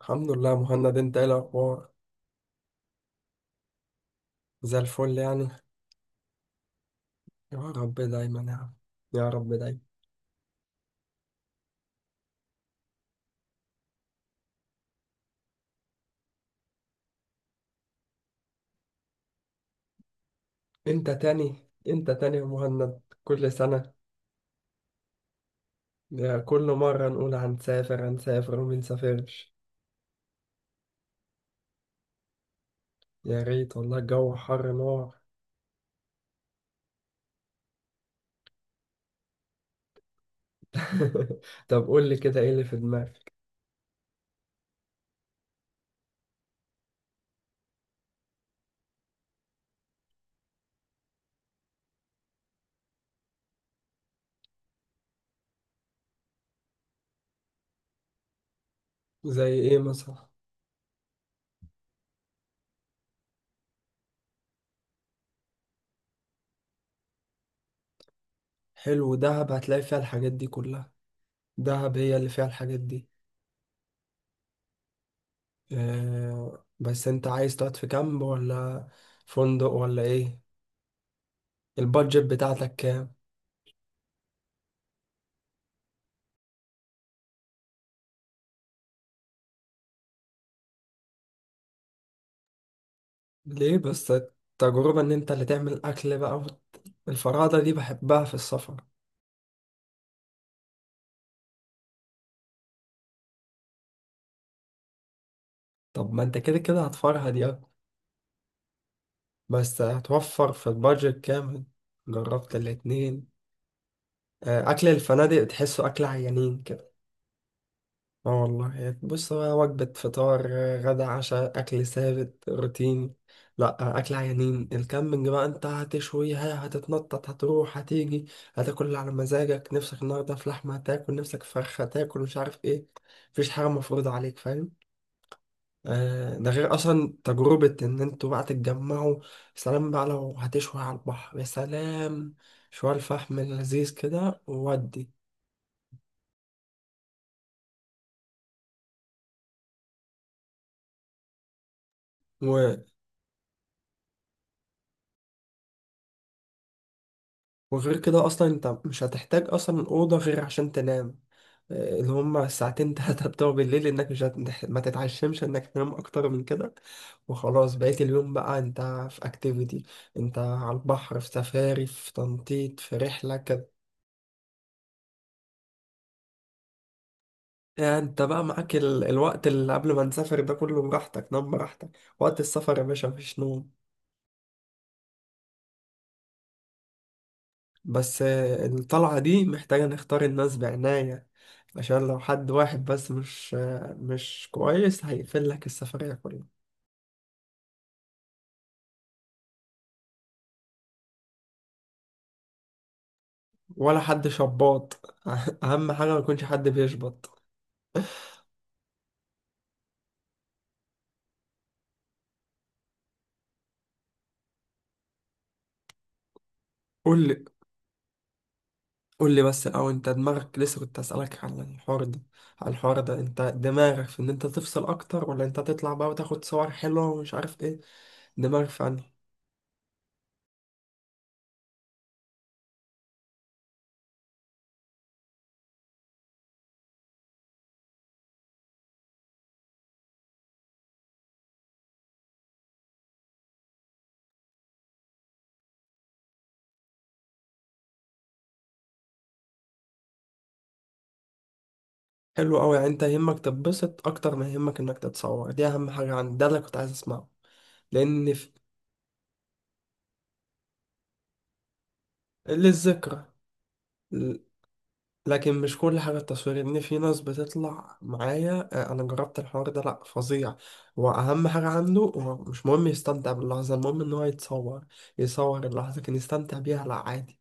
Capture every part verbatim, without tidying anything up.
الحمد لله يا مهند، انت ايه الاخبار؟ زي الفل يعني. يا رب دايما يا عم، يا رب دايما. انت تاني؟ انت تاني يا مهند كل سنة؟ يا، كل مرة نقول هنسافر هنسافر وما نسافرش. يا ريت والله، الجو حر نار. طب قول لي كده، ايه اللي في دماغك؟ زي ايه مثلا؟ حلو، دهب هتلاقي فيها الحاجات دي كلها. دهب هي اللي فيها الحاجات دي. اه، بس انت عايز تقعد في كامب ولا فندق ولا ايه؟ البادجت بتاعتك كام؟ ليه؟ بس التجربة إن أنت اللي تعمل أكل بقى وت- الفرادة دي بحبها في السفر. طب ما أنت كده كده هتفرها دي أكتر. بس هتوفر في البادجت كامل. جربت الاتنين. آه، أكل الفنادق تحسه أكل عيانين كده. اه والله، يعني بص، هو وجبة فطار غدا عشاء أكل ثابت روتيني. لأ، أكل عيانين. الكامبينج بقى أنت هتشويها، هتتنطط، هتروح، هتيجي، هتاكل اللي على مزاجك، نفسك النهاردة في لحمة هتاكل، نفسك في فراخ هتاكل، مش عارف إيه. مفيش حاجة مفروضة عليك، فاهم؟ آه، ده غير أصلا تجربة إن أنتوا بقى تتجمعوا. سلام بقى لو هتشوي على البحر، يا سلام، شوية الفحم اللذيذ كده، وودي. وغير كده اصلا، انت مش هتحتاج اصلا اوضه غير عشان تنام. آه، اللي هما الساعتين تلاتة بتوع بالليل، انك مش هت... ما تتعشمش انك تنام اكتر من كده. وخلاص، بقيت اليوم بقى انت في اكتيفيتي، انت على البحر، في سفاري، في تنطيط، في رحلة كده. يعني انت بقى معاك ال... الوقت اللي قبل ما نسافر ده كله، براحتك نام براحتك. وقت السفر يا باشا، مفيش نوم. بس آه، الطلعة دي محتاجة نختار الناس بعناية، عشان لو حد واحد بس مش آه، مش كويس هيقفل لك السفرية كلها. ولا حد شباط. أهم حاجة ما يكونش حد بيشبط. قول لي قول لي بس الأول، أنت دماغك لسه، كنت أسألك عن الحوار ده. على الحوار ده، أنت دماغك في إن أنت تفصل أكتر، ولا أنت تطلع بقى وتاخد صور حلوة ومش عارف إيه؟ دماغك في أنهي؟ حلو أوي، يعني أنت يهمك تتبسط أكتر ما يهمك إنك تتصور، دي أهم حاجة عندي، ده اللي كنت عايز أسمعه. لان في للذكرى. ل- لكن مش كل حاجة تصوير، إن في ناس بتطلع معايا، آه، أنا جربت الحوار ده لأ فظيع. وأهم حاجة عنده هو مش مهم يستمتع باللحظة، المهم إن هو يتصور، يصور اللحظة كان يستمتع بيها، لأ عادي.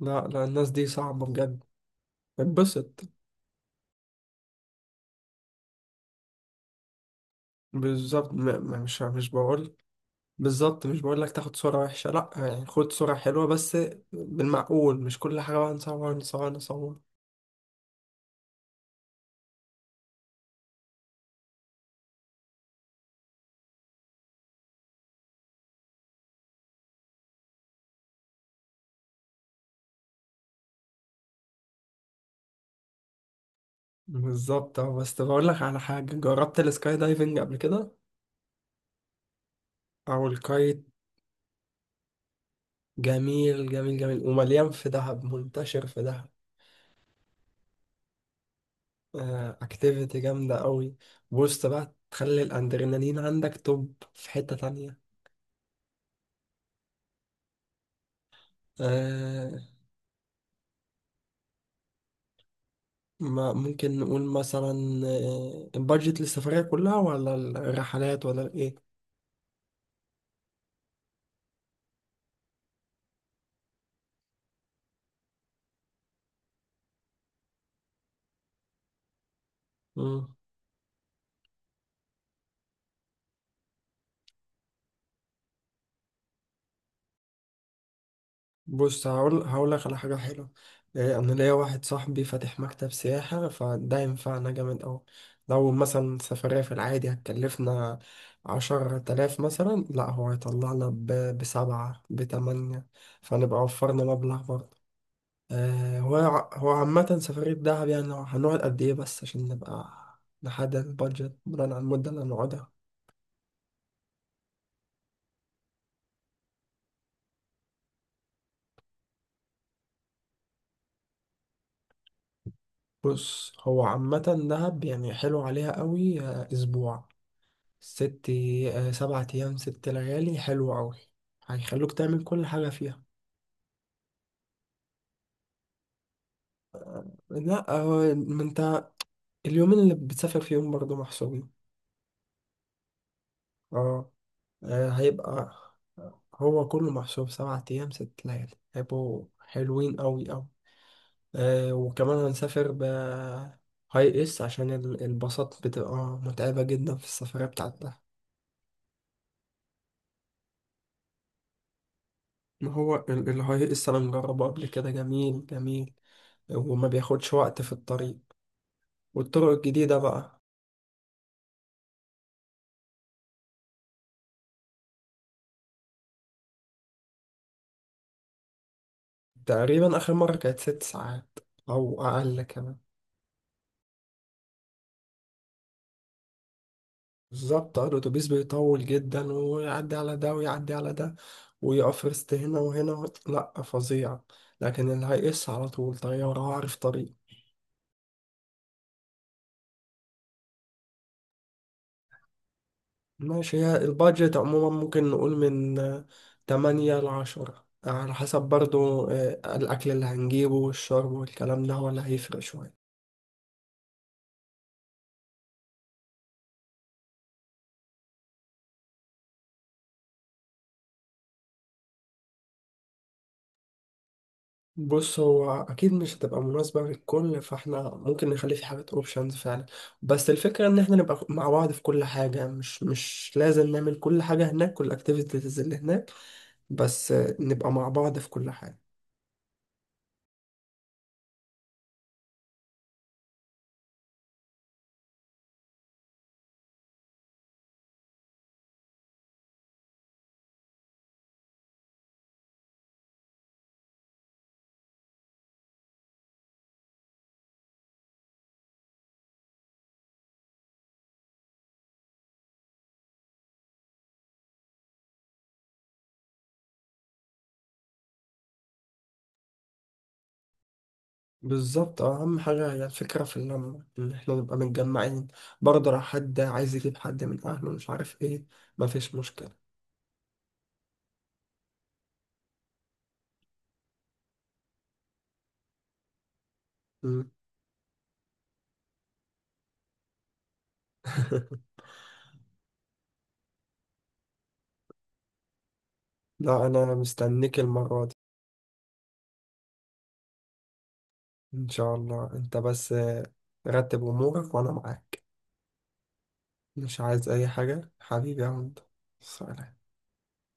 لا لا، الناس دي صعبة بجد. اتبسط. بالظبط، م- م- مش مش بقول، بالظبط مش بقول لك تاخد صورة وحشة، لأ، يعني خد صورة حلوة بس، بالمعقول، مش كل حاجة بقى نصور نصور نصور. بالظبط. اه، بس بقول لك على حاجة، جربت السكاي دايفنج قبل كده؟ او الكايت؟ جميل جميل جميل، ومليان في دهب، منتشر في دهب. اكتيفيتي جامدة قوي. بص بقى، تخلي الادرينالين عندك توب في حتة تانية. آه. ما ممكن نقول مثلا آه البادجت للسفرية كلها، ولا الرحلات ولا ايه؟ بص، هقول هقول لك على حاجة حلوة. إيه، أنا ليا واحد صاحبي فاتح مكتب سياحة، فده ينفعنا جامد أوي. لو مثلا سفرية في العادي هتكلفنا عشرة آلاف مثلا، لا هو هيطلعنا ب- بسبعة بتمانية، فنبقى وفرنا مبلغ برضه. آه، هو ع- هو عامة سفرية دهب، يعني هنقعد قد إيه بس عشان نبقى نحدد البادجت بناء على المدة اللي هنقعدها. بص هو عامة، دهب يعني حلو عليها قوي. آه، أسبوع ست آه، سبعة أيام ست ليالي، حلو أوي، هيخلوك تعمل كل حاجة فيها. لا هو ما انت، اليومين اللي بتسافر فيهم برضه محسوبين. اه. آه، هيبقى هو كله محسوب، سبعة أيام ست ليالي هيبقوا حلوين أوي أوي. آه، وكمان هنسافر ب هاي اس عشان ال- الباصات بتبقى متعبة جدا في السفرية بتاعتها. ما هو ال- الهاي اس أنا مجربه قبل كده، جميل جميل، وما بياخدش وقت في الطريق، والطرق الجديدة بقى. تقريبا آخر مرة كانت ست ساعات، أو أقل كمان. بالظبط، آه، الأتوبيس بيطول جدا، ويعدي على ده ويعدي على ده، ويقف رست هنا وهنا و... لأ فظيع. لكن اللي هيقص على طول طيارة وعارف طريق. ماشي، هي البادجت عموما ممكن نقول من آه، تمانية لعشرة، على حسب برضو آه، الأكل اللي هنجيبه والشرب والكلام ده، ولا هيفرق شوية. بص هو اكيد مش هتبقى مناسبه للكل، فاحنا ممكن نخلي في حاجات اوبشنز فعلا، بس الفكره ان احنا نبقى مع بعض في كل حاجه، مش مش لازم نعمل كل حاجه هناك، كل الاكتيفيتيز اللي هناك، بس نبقى مع بعض في كل حاجه. بالظبط، آه، اهم حاجه هي الفكره في اللمه، ان احنا نبقى متجمعين. برضه لو حد عايز يجيب حد من اهله مش عارف ايه، مفيش مشكله. مم. لا، انا مستنيك المره دي. ان شاء الله. انت بس رتب امورك وانا معاك. مش عايز أي حاجة حبيبي يا عم. سلام.